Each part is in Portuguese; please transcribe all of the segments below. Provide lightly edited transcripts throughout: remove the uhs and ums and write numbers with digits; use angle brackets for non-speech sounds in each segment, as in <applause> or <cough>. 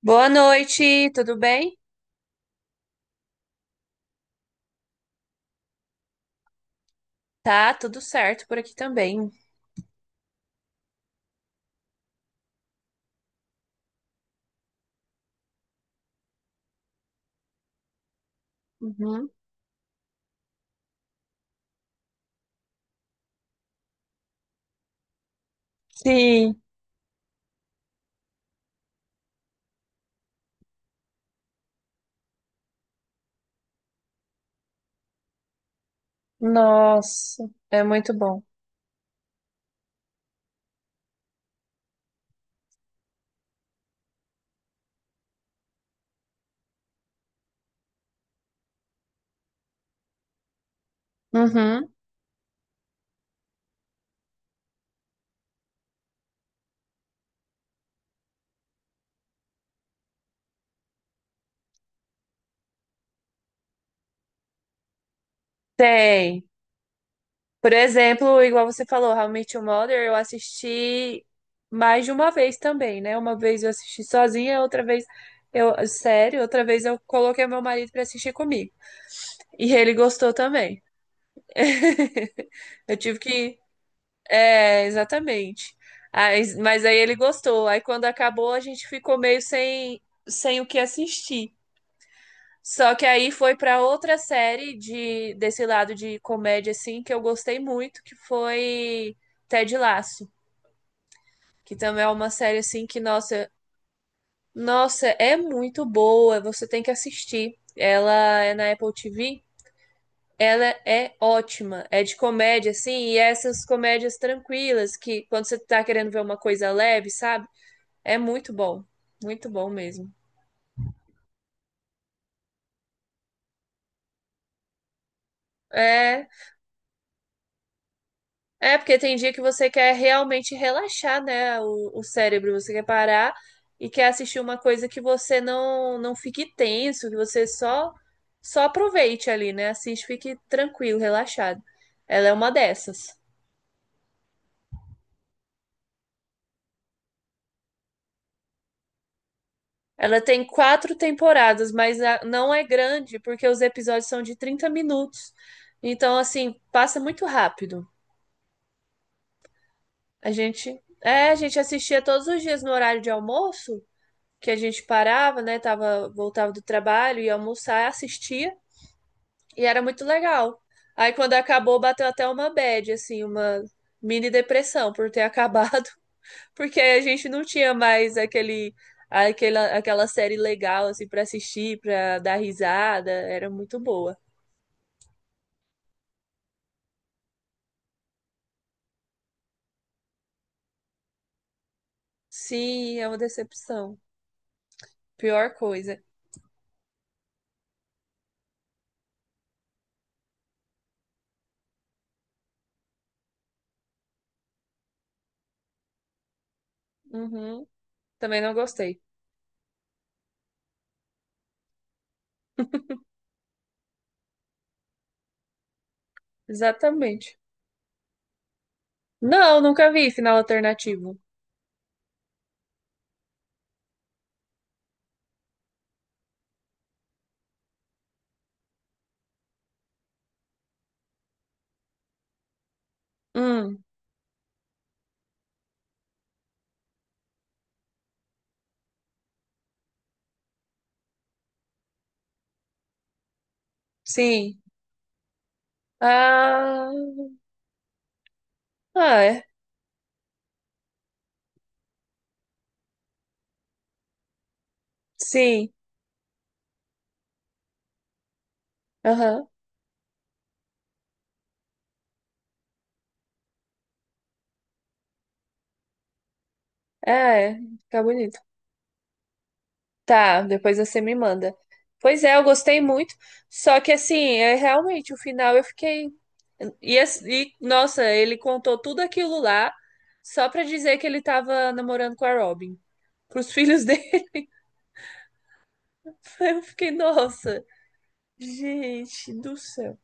Boa noite, tudo bem? Tá, tudo certo por aqui também. Uhum. Sim, nossa, é muito bom. Uhum. Tem. Por exemplo, igual você falou, How I Met Your Mother, eu assisti mais de uma vez também, né? Uma vez eu assisti sozinha, outra vez eu, sério, outra vez eu coloquei meu marido pra assistir comigo. E ele gostou também. <laughs> Eu tive que é, exatamente. Mas aí ele gostou. Aí quando acabou, a gente ficou meio sem o que assistir. Só que aí foi para outra série de desse lado de comédia assim que eu gostei muito, que foi Ted Lasso, que também é uma série assim que nossa, nossa, é muito boa, você tem que assistir. Ela é na Apple TV, ela é ótima. É de comédia assim, e é essas comédias tranquilas que quando você tá querendo ver uma coisa leve, sabe? É muito bom mesmo. É, é porque tem dia que você quer realmente relaxar, né, o cérebro, você quer parar e quer assistir uma coisa que você não fique tenso, que você só aproveite ali, né? Assiste, fique tranquilo, relaxado. Ela é uma dessas. Ela tem 4 temporadas, mas não é grande, porque os episódios são de 30 minutos. Então, assim, passa muito rápido. A gente assistia todos os dias no horário de almoço que a gente parava, né? Tava, voltava do trabalho, ia almoçar, assistia, e era muito legal. Aí quando acabou, bateu até uma bad, assim, uma mini depressão por ter acabado, <laughs> porque aí a gente não tinha mais aquela série legal, assim, pra assistir, pra dar risada, era muito boa. Sim, é uma decepção. Pior coisa. Uhum. Também não gostei. Exatamente. Não, nunca vi final alternativo. Hum, sim. Ah. Ah, é. Sim. Aham. É, é. Fica bonito. Tá, depois você me manda. Pois é, eu gostei muito. Só que assim, é realmente o final eu fiquei. E, nossa, ele contou tudo aquilo lá só pra dizer que ele tava namorando com a Robin. Pros filhos dele. <laughs> Eu fiquei, nossa, gente do céu.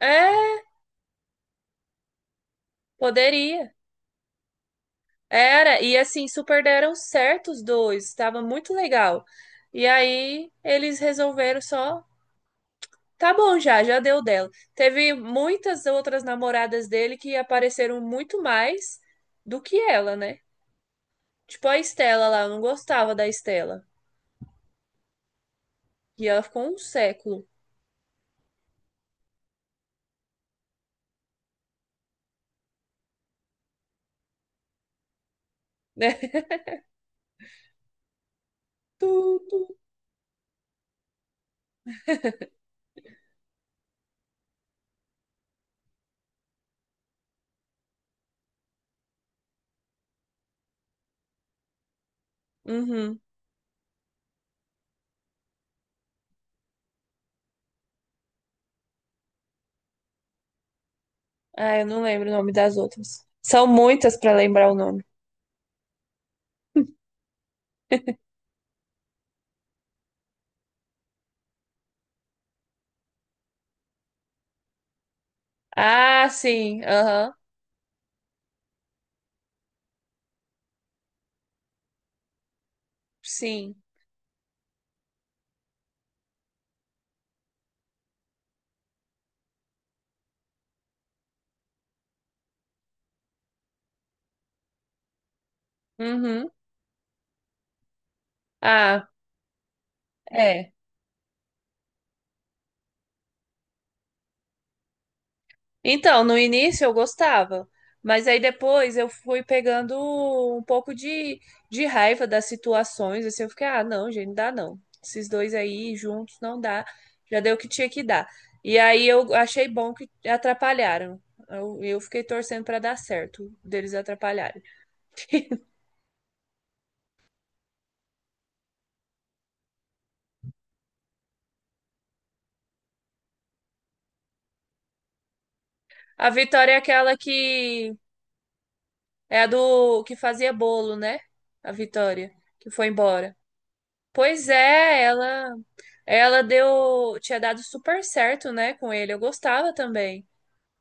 É, poderia. Era. E assim, super deram certo os dois. Tava muito legal. E aí, eles resolveram só. Tá bom, já, já deu dela. Teve muitas outras namoradas dele que apareceram muito mais do que ela, né? Tipo a Estela lá, eu não gostava da Estela. E ela ficou um século, né? <laughs> Tu, tu. Uhum. Ah, eu não lembro o nome das outras. São muitas pra lembrar o nome. Ah, sim. Aham. Sim. Uhum. Ah, é. Então, no início eu gostava, mas aí depois eu fui pegando um pouco de raiva das situações, assim, eu fiquei, ah, não, gente, não dá não. Esses dois aí juntos não dá, já deu o que tinha que dar. E aí eu achei bom que atrapalharam. Eu fiquei torcendo pra dar certo deles atrapalharem. <laughs> A Vitória é aquela que é a do que fazia bolo, né? A Vitória, que foi embora. Pois é, ela deu, tinha dado super certo, né, com ele. Eu gostava também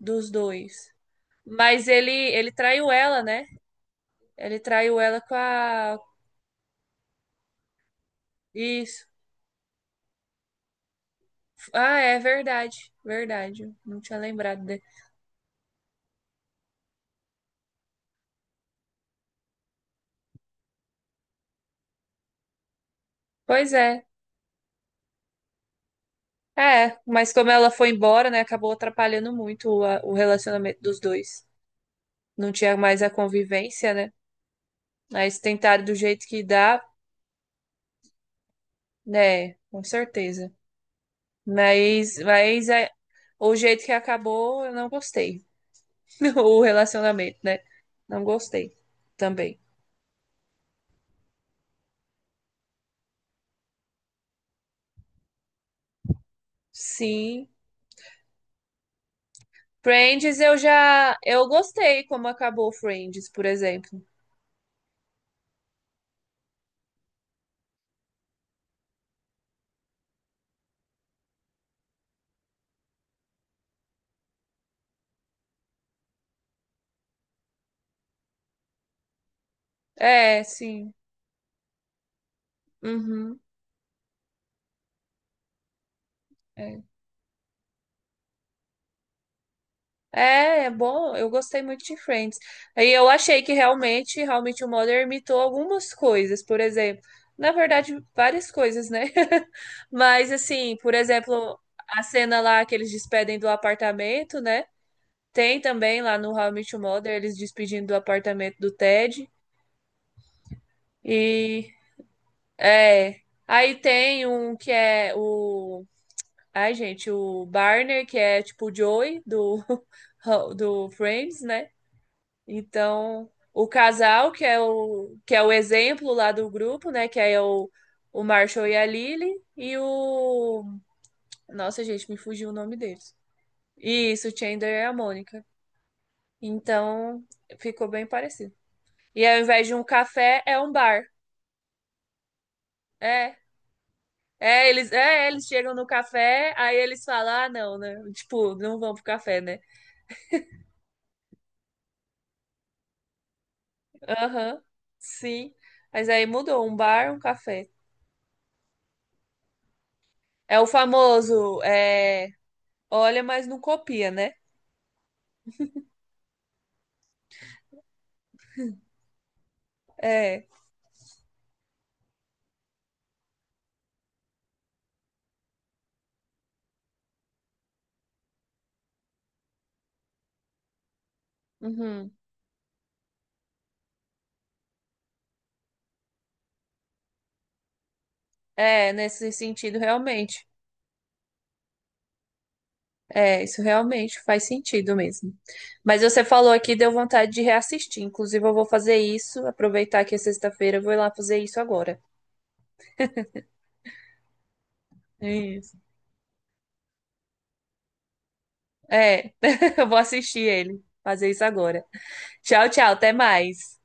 dos dois. Mas ele traiu ela, né? Ele traiu ela com a isso. Ah, é verdade. Verdade. Não tinha lembrado dele. Pois é. É, mas como ela foi embora, né, acabou atrapalhando muito o relacionamento dos dois. Não tinha mais a convivência, né? Mas tentaram do jeito que dá, né? Com certeza. Mas é, o jeito que acabou, eu não gostei. <laughs> O relacionamento, né? Não gostei também. Sim. Friends, eu já. Eu gostei como acabou Friends, por exemplo. É, sim. Uhum. É. É, é bom. Eu gostei muito de Friends. Aí eu achei que realmente o Mulder imitou algumas coisas, por exemplo, na verdade, várias coisas, né? <laughs> Mas assim, por exemplo, a cena lá que eles despedem do apartamento, né? Tem também lá no How I Met Your Mother eles despedindo do apartamento do Ted e é, aí tem um que é o ai, gente, o Barney, que é tipo o Joey do <laughs> do Friends, né? Então, o casal, que é que é o exemplo lá do grupo, né? Que aí é o Marshall e a Lily. E o. Nossa, gente, me fugiu o nome deles. Isso, o Chandler e a Mônica. Então, ficou bem parecido. E ao invés de um café, é um bar. É. É, eles chegam no café, aí eles falam, ah, não, né? Tipo, não vão pro café, né? Aham, sim. Mas aí mudou, um bar, um café. É o famoso, é, olha, mas não copia, né? É, uhum. É, nesse sentido, realmente. É, isso realmente faz sentido mesmo. Mas você falou aqui, deu vontade de reassistir. Inclusive, eu vou fazer isso, aproveitar que é sexta-feira, eu vou ir lá fazer isso agora. Isso. É, <laughs> eu vou assistir ele, fazer isso agora. Tchau, tchau, até mais.